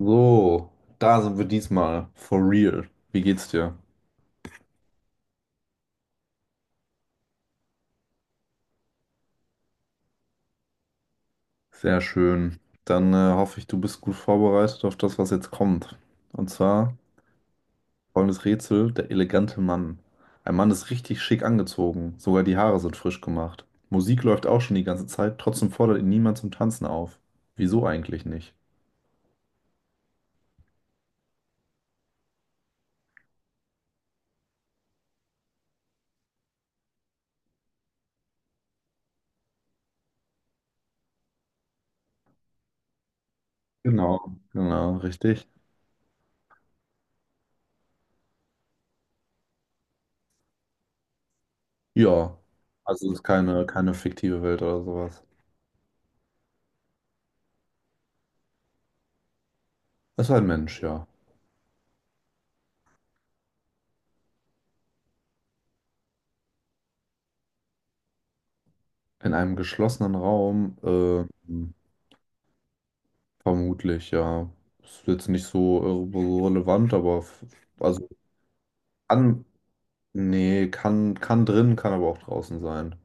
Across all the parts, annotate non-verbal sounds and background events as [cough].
So, da sind wir diesmal. For real. Wie geht's dir? Sehr schön. Dann hoffe ich, du bist gut vorbereitet auf das, was jetzt kommt. Und zwar folgendes Rätsel, der elegante Mann. Ein Mann ist richtig schick angezogen, sogar die Haare sind frisch gemacht. Musik läuft auch schon die ganze Zeit, trotzdem fordert ihn niemand zum Tanzen auf. Wieso eigentlich nicht? Genau. Genau, richtig. Ja, also es ist keine fiktive Welt oder sowas. Es ist ein Mensch, ja. In einem geschlossenen Raum, vermutlich, ja. Ist jetzt nicht so so relevant, aber also kann, nee, kann drin, kann aber auch draußen sein.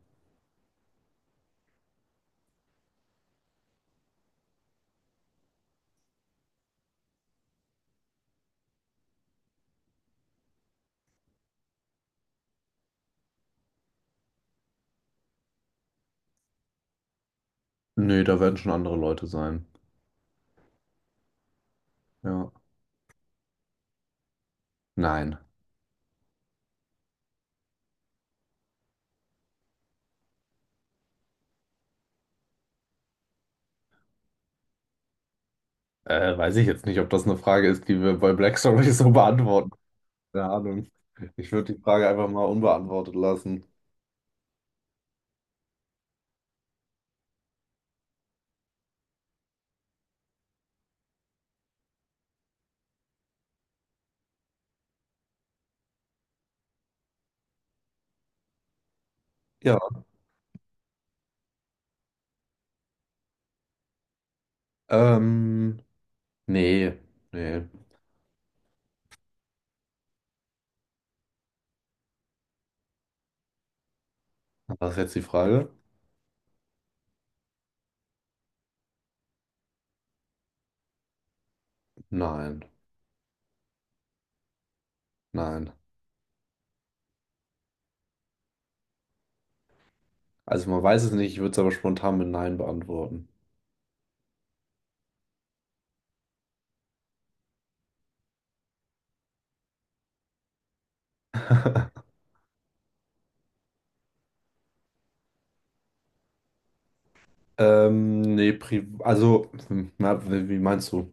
Nee, da werden schon andere Leute sein. Ja. Nein. Weiß ich jetzt nicht, ob das eine Frage ist, die wir bei Black Stories so beantworten. Keine Ahnung. Ich würde die Frage einfach mal unbeantwortet lassen. Ja. Ähm, nee, nee. Was ist jetzt die Frage? Nein, nein. Also man weiß es nicht, ich würde es aber spontan mit Nein beantworten. [laughs] Nee, pri also, hm, na, wie meinst du?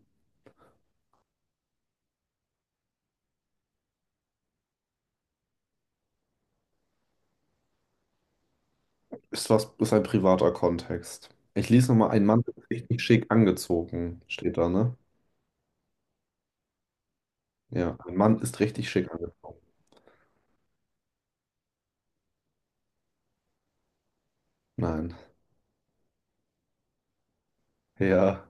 Ist was, ist ein privater Kontext. Ich lese nochmal, ein Mann ist richtig schick angezogen, steht da, ne? Ja, ein Mann ist richtig schick angezogen. Nein. Ja,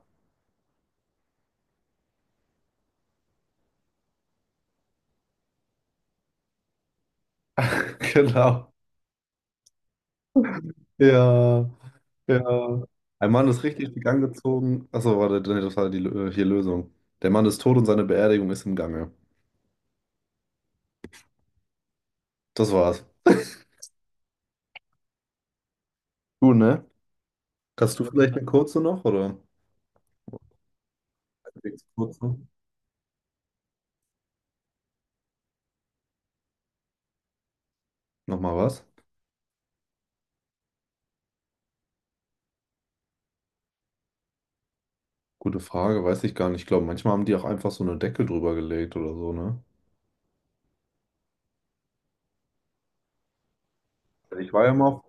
[laughs] genau. Ja, ja. Ein Mann ist richtig schick angezogen. Achso, warte, nee, das war die hier Lösung. Der Mann ist tot und seine Beerdigung ist im Gange. Das war's. Du, ne? Kannst du vielleicht eine kurze noch, oder? Kurze. Nochmal was? Gute Frage, weiß ich gar nicht. Ich glaube, manchmal haben die auch einfach so eine Decke drüber gelegt oder so, ne? Also ich war ja mal auf,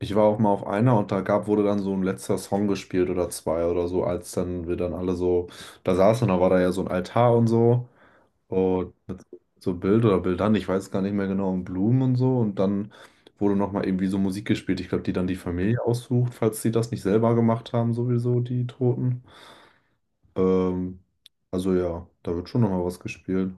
ich war auch mal auf einer und da gab, wurde dann so ein letzter Song gespielt oder zwei oder so, als dann wir dann alle so da saßen, da war da ja so ein Altar und so und mit so Bild oder Bildern, ich weiß gar nicht mehr genau, und Blumen und so und dann wurde nochmal irgendwie so Musik gespielt. Ich glaube, die dann die Familie aussucht, falls die das nicht selber gemacht haben, sowieso, die Toten. Ähm, also ja, da wird schon nochmal was gespielt.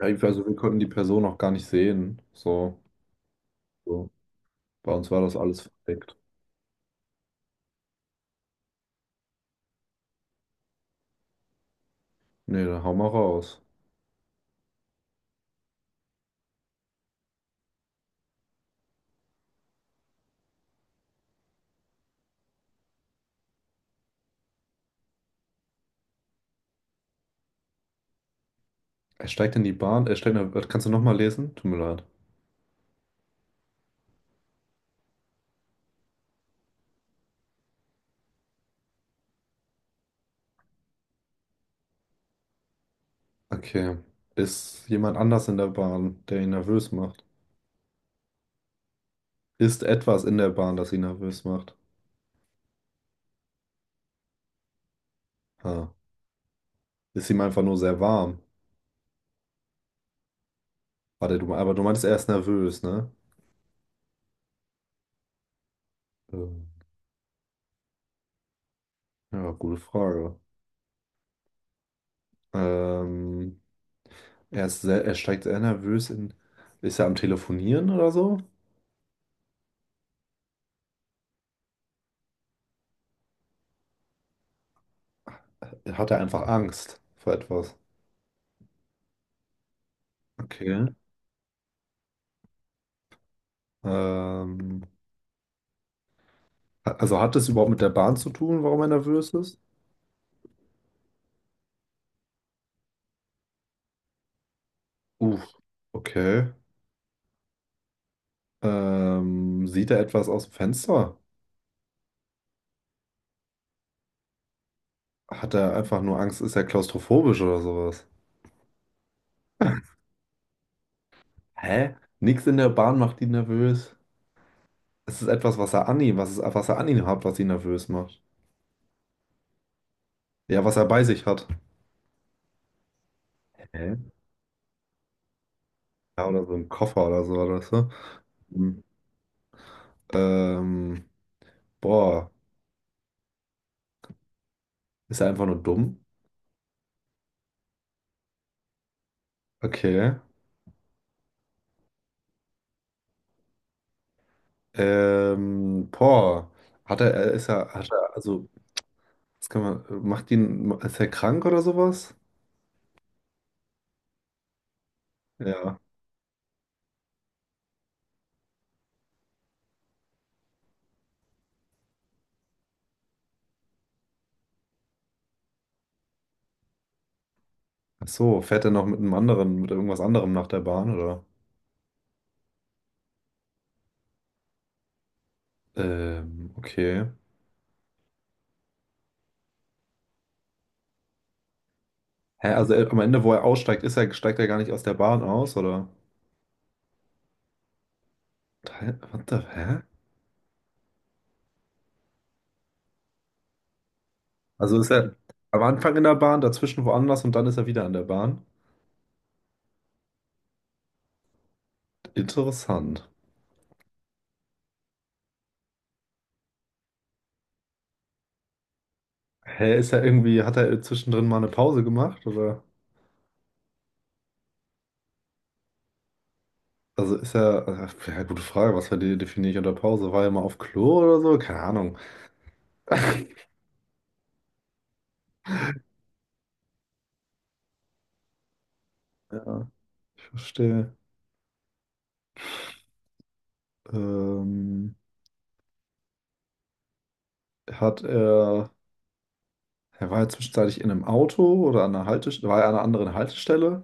Ja, also wir konnten die Person auch gar nicht sehen. So, so. Bei uns war das alles verdeckt. Nee, dann hau mal raus. Er steigt in die Bahn. Er steigt in der... Kannst du nochmal lesen? Tut mir leid. Okay. Ist jemand anders in der Bahn, der ihn nervös macht? Ist etwas in der Bahn, das ihn nervös macht? Ah. Ist ihm einfach nur sehr warm. Warte, du, aber du meintest, er ist nervös, ne? Ähm, ja, gute Frage. Ähm, er ist sehr, er steigt sehr nervös in. Ist er am Telefonieren oder so? Hat er einfach Angst vor etwas? Okay. Ähm, also hat das überhaupt mit der Bahn zu tun, warum er nervös ist? Uff. Okay. Sieht er etwas aus dem Fenster? Hat er einfach nur Angst? Ist er klaustrophobisch oder sowas? Hä? Nichts in der Bahn macht ihn nervös. Es ist etwas, was er an ihm, was, ist, was er an ihm hat, was ihn nervös macht. Ja, was er bei sich hat. Hä? Ja, oder so ein Koffer oder so, oder so. Hm. Ähm, boah, ist er einfach nur dumm? Okay. Boah, hat er, er ist er, hat er, also, das kann man, macht ihn, ist er krank oder sowas? Ja. Ach so, fährt er noch mit einem anderen, mit irgendwas anderem nach der Bahn, oder? Okay. Hä, also er, am Ende, wo er aussteigt, ist er, steigt er gar nicht aus der Bahn aus, oder? Hä? What the, hä? Also ist er am Anfang in der Bahn, dazwischen woanders und dann ist er wieder an der Bahn? Interessant. Hä, ist er irgendwie, hat er zwischendrin mal eine Pause gemacht, oder? Also ist ja, ja, gute Frage, was definiere ich unter Pause? War ja mal auf Klo oder so? Keine Ahnung. [laughs] Ja, ich verstehe. Ähm, hat er, er war ja zwischenzeitlich in einem Auto oder an einer Haltestelle, war er an einer anderen Haltestelle?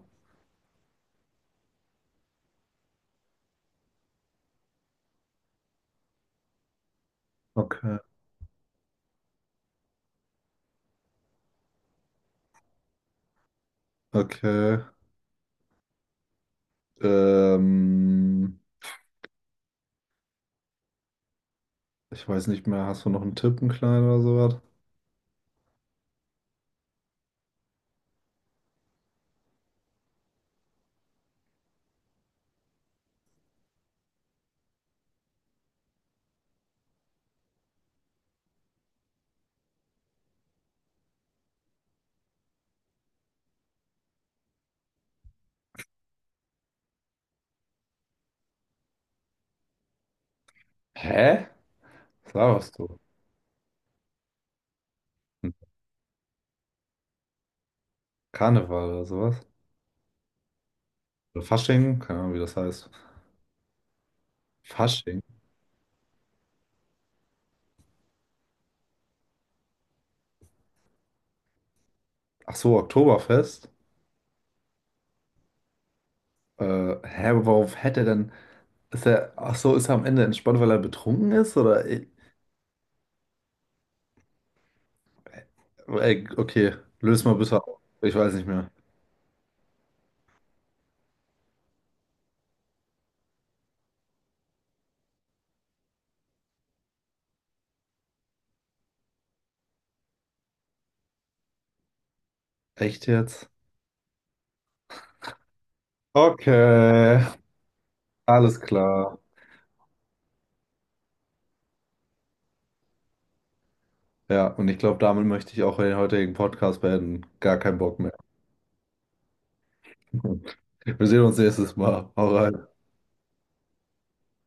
Okay. Okay. Ähm, ich weiß nicht mehr, hast du noch einen Tipp, einen kleinen oder sowas? Hä? Was laberst du? Hm, Karneval oder sowas? Oder Fasching? Keine Ahnung, wie das heißt. Fasching? Ach so, Oktoberfest? Äh, hä, aber worauf hätte er denn? Ist er, ach so, ist er am Ende entspannt, weil er betrunken ist? Oder? Ey, ey, okay, löst mal bitte auf. Ich weiß nicht mehr. Echt jetzt? Okay, alles klar. Ja, und ich glaube, damit möchte ich auch den heutigen Podcast beenden. Gar keinen Bock mehr. [laughs] Wir sehen uns nächstes Mal. Hau rein.